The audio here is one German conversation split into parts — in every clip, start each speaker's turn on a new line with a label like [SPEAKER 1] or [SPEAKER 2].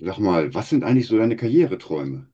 [SPEAKER 1] Sag mal, was sind eigentlich so deine Karriereträume?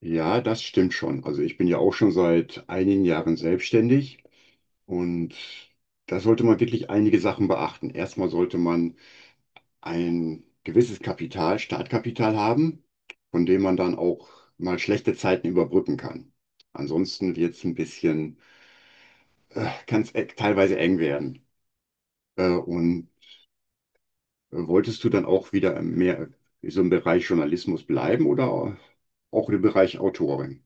[SPEAKER 1] Ja, das stimmt schon. Also ich bin ja auch schon seit einigen Jahren selbstständig und da sollte man wirklich einige Sachen beachten. Erstmal sollte man ein gewisses Kapital, Startkapital haben, von dem man dann auch mal schlechte Zeiten überbrücken kann. Ansonsten wird es ein bisschen, kann es teilweise eng werden. Äh, und Wolltest du dann auch wieder mehr so im Bereich Journalismus bleiben oder auch im Bereich Autorin?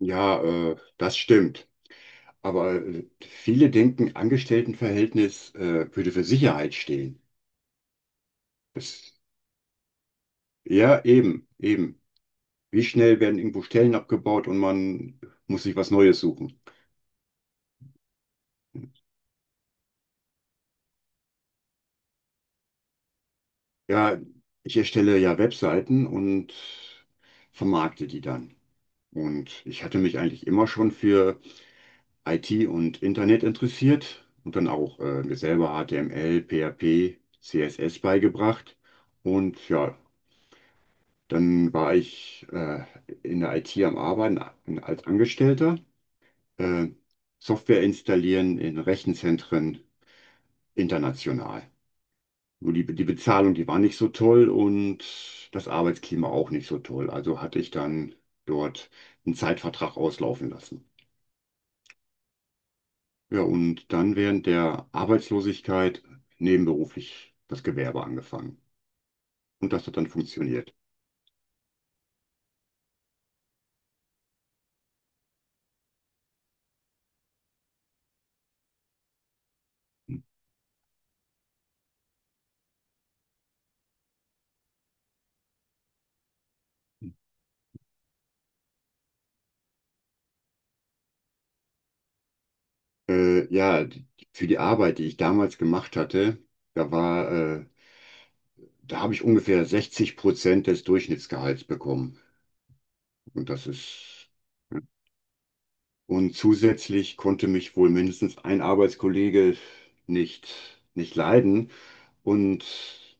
[SPEAKER 1] Ja, das stimmt. Aber viele denken, Angestelltenverhältnis würde für Sicherheit stehen. Das, ja, eben. Wie schnell werden irgendwo Stellen abgebaut und man muss sich was Neues suchen? Ja, ich erstelle ja Webseiten und vermarkte die dann. Und ich hatte mich eigentlich immer schon für IT und Internet interessiert und dann auch mir selber HTML, PHP, CSS beigebracht. Und ja, dann war ich in der IT am Arbeiten, als Angestellter, äh, Software installieren in Rechenzentren international. Nur die Bezahlung, die war nicht so toll und das Arbeitsklima auch nicht so toll. Also hatte ich dann dort einen Zeitvertrag auslaufen lassen. Ja, und dann während der Arbeitslosigkeit nebenberuflich das Gewerbe angefangen. Und das hat dann funktioniert. Äh, ja, die- für die Arbeit, die ich damals gemacht hatte, da war äh, da habe ich ungefähr 60% des Durchschnittsgehalts bekommen. Und das ist, ja. Und zusätzlich konnte mich wohl mindestens ein Arbeitskollege nicht leiden. Und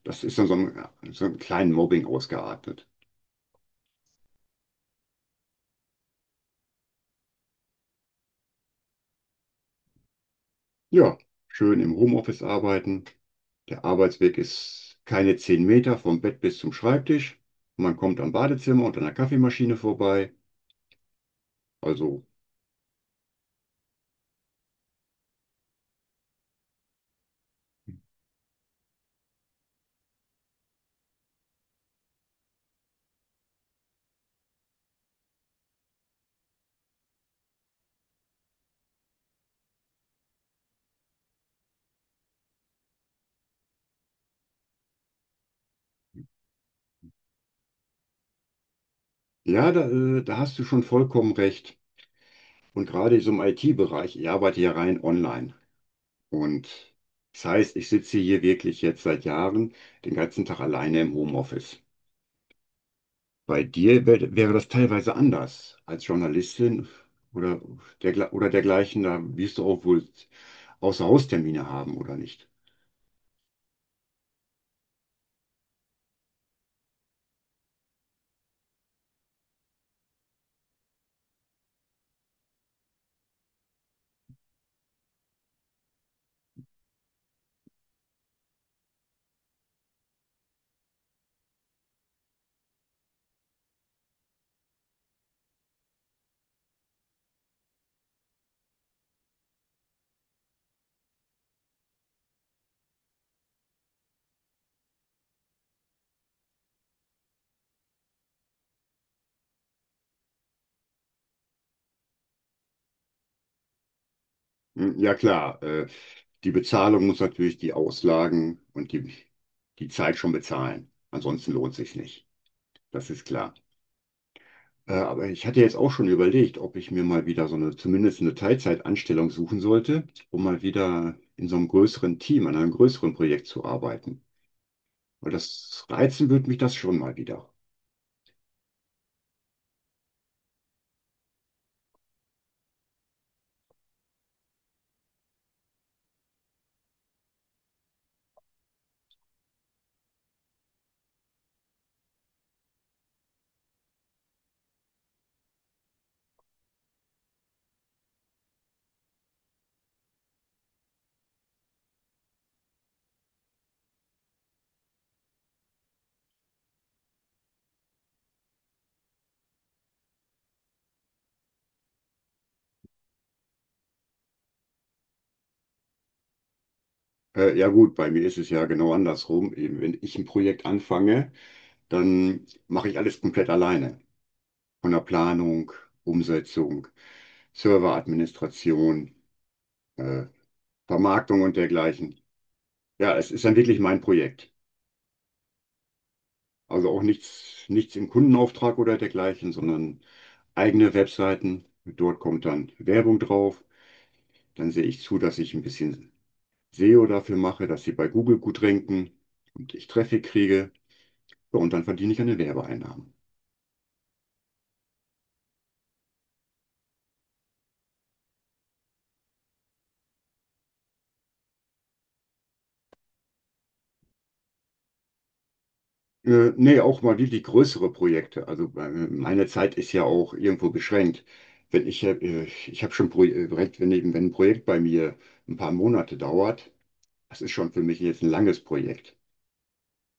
[SPEAKER 1] das ist dann so ein kleinen Mobbing ausgeartet. Ja, schön im Homeoffice arbeiten. Der Arbeitsweg ist keine 10 Meter vom Bett bis zum Schreibtisch. Man kommt am Badezimmer und an der Kaffeemaschine vorbei. Also, ja, da hast du schon vollkommen recht. Und gerade in so im IT-Bereich, ich arbeite ja rein online. Und das heißt, ich sitze hier wirklich jetzt seit Jahren den ganzen Tag alleine im Homeoffice. Bei dir wäre das teilweise anders als Journalistin oder, oder dergleichen. Da wirst du auch wohl Außerhaustermine haben, oder nicht? Hm, ja klar, die Bezahlung muss natürlich die Auslagen und die Zeit schon bezahlen. Ansonsten lohnt sich nicht. Das ist klar. Aber ich hatte jetzt auch schon überlegt, ob ich mir mal wieder so eine, zumindest eine Teilzeitanstellung suchen sollte, um mal wieder in so einem größeren Team, an einem größeren Projekt zu arbeiten. Weil das reizen würde mich das schon mal wieder. Ja gut, bei mir ist es ja genau andersrum. Eben, wenn ich ein Projekt anfange, dann mache ich alles komplett alleine. Von der Planung, Umsetzung, Serveradministration, äh, Vermarktung und dergleichen. Ja, es ist dann wirklich mein Projekt. Also auch nichts im Kundenauftrag oder dergleichen, sondern eigene Webseiten. Dort kommt dann Werbung drauf. Dann sehe ich zu, dass ich ein bisschen SEO dafür mache, dass sie bei Google gut ranken und ich Traffic kriege. Ja, und dann verdiene ich eine Werbeeinnahmen. Nee, auch mal wirklich größere Projekte. Also meine Zeit ist ja auch irgendwo beschränkt. Wenn ich, ich habe schon Projekt, wenn, eben- Wenn ein Projekt bei mir ein paar Monate dauert, das ist schon für mich jetzt ein langes Projekt.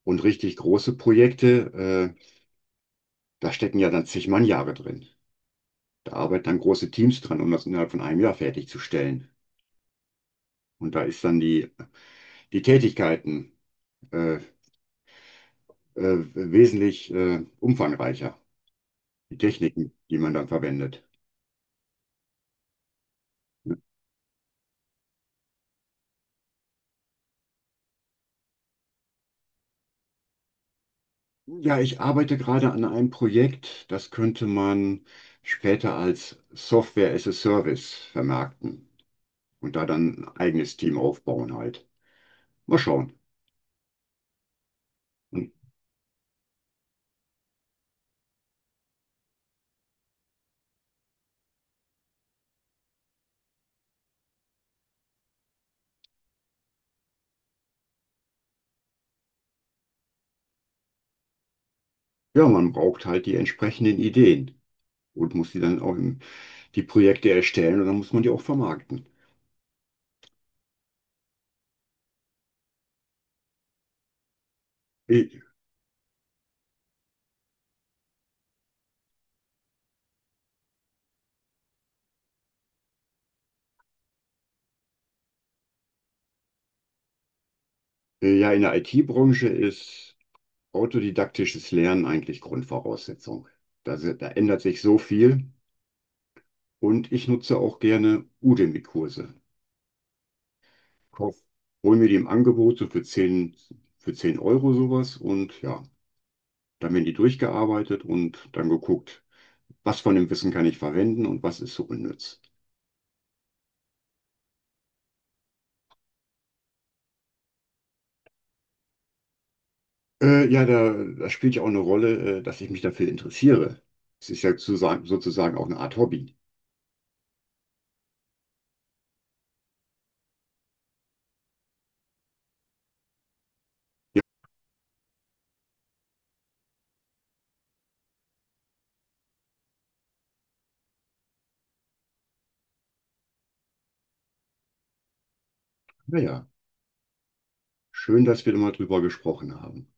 [SPEAKER 1] Und richtig große Projekte, da stecken ja dann zig Mannjahre drin. Da arbeiten dann große Teams dran, um das innerhalb von einem Jahr fertigzustellen. Und da ist dann die Tätigkeiten äh, äh, wesentlich umfangreicher, die Techniken, die man dann verwendet. Ja, ich arbeite gerade an einem Projekt, das könnte man später als Software as a Service vermarkten und da dann ein eigenes Team aufbauen halt. Mal schauen. Und ja, man braucht halt die entsprechenden Ideen und muss die dann die Projekte erstellen und dann muss man die auch vermarkten. I- Ja, in der IT-Branche ist autodidaktisches Lernen eigentlich Grundvoraussetzung. Da ändert sich so viel und ich nutze auch gerne Udemy-Kurse. Kauf, Hol mir die im Angebot so für 10 Euro sowas und ja, dann werden die durchgearbeitet und dann geguckt, was von dem Wissen kann ich verwenden und was ist so unnütz. Da spielt ja auch eine Rolle, dass ich mich dafür interessiere. Es ist ja zu sagen, sozusagen auch eine Art Hobby. Naja, schön, dass wir da mal drüber gesprochen haben.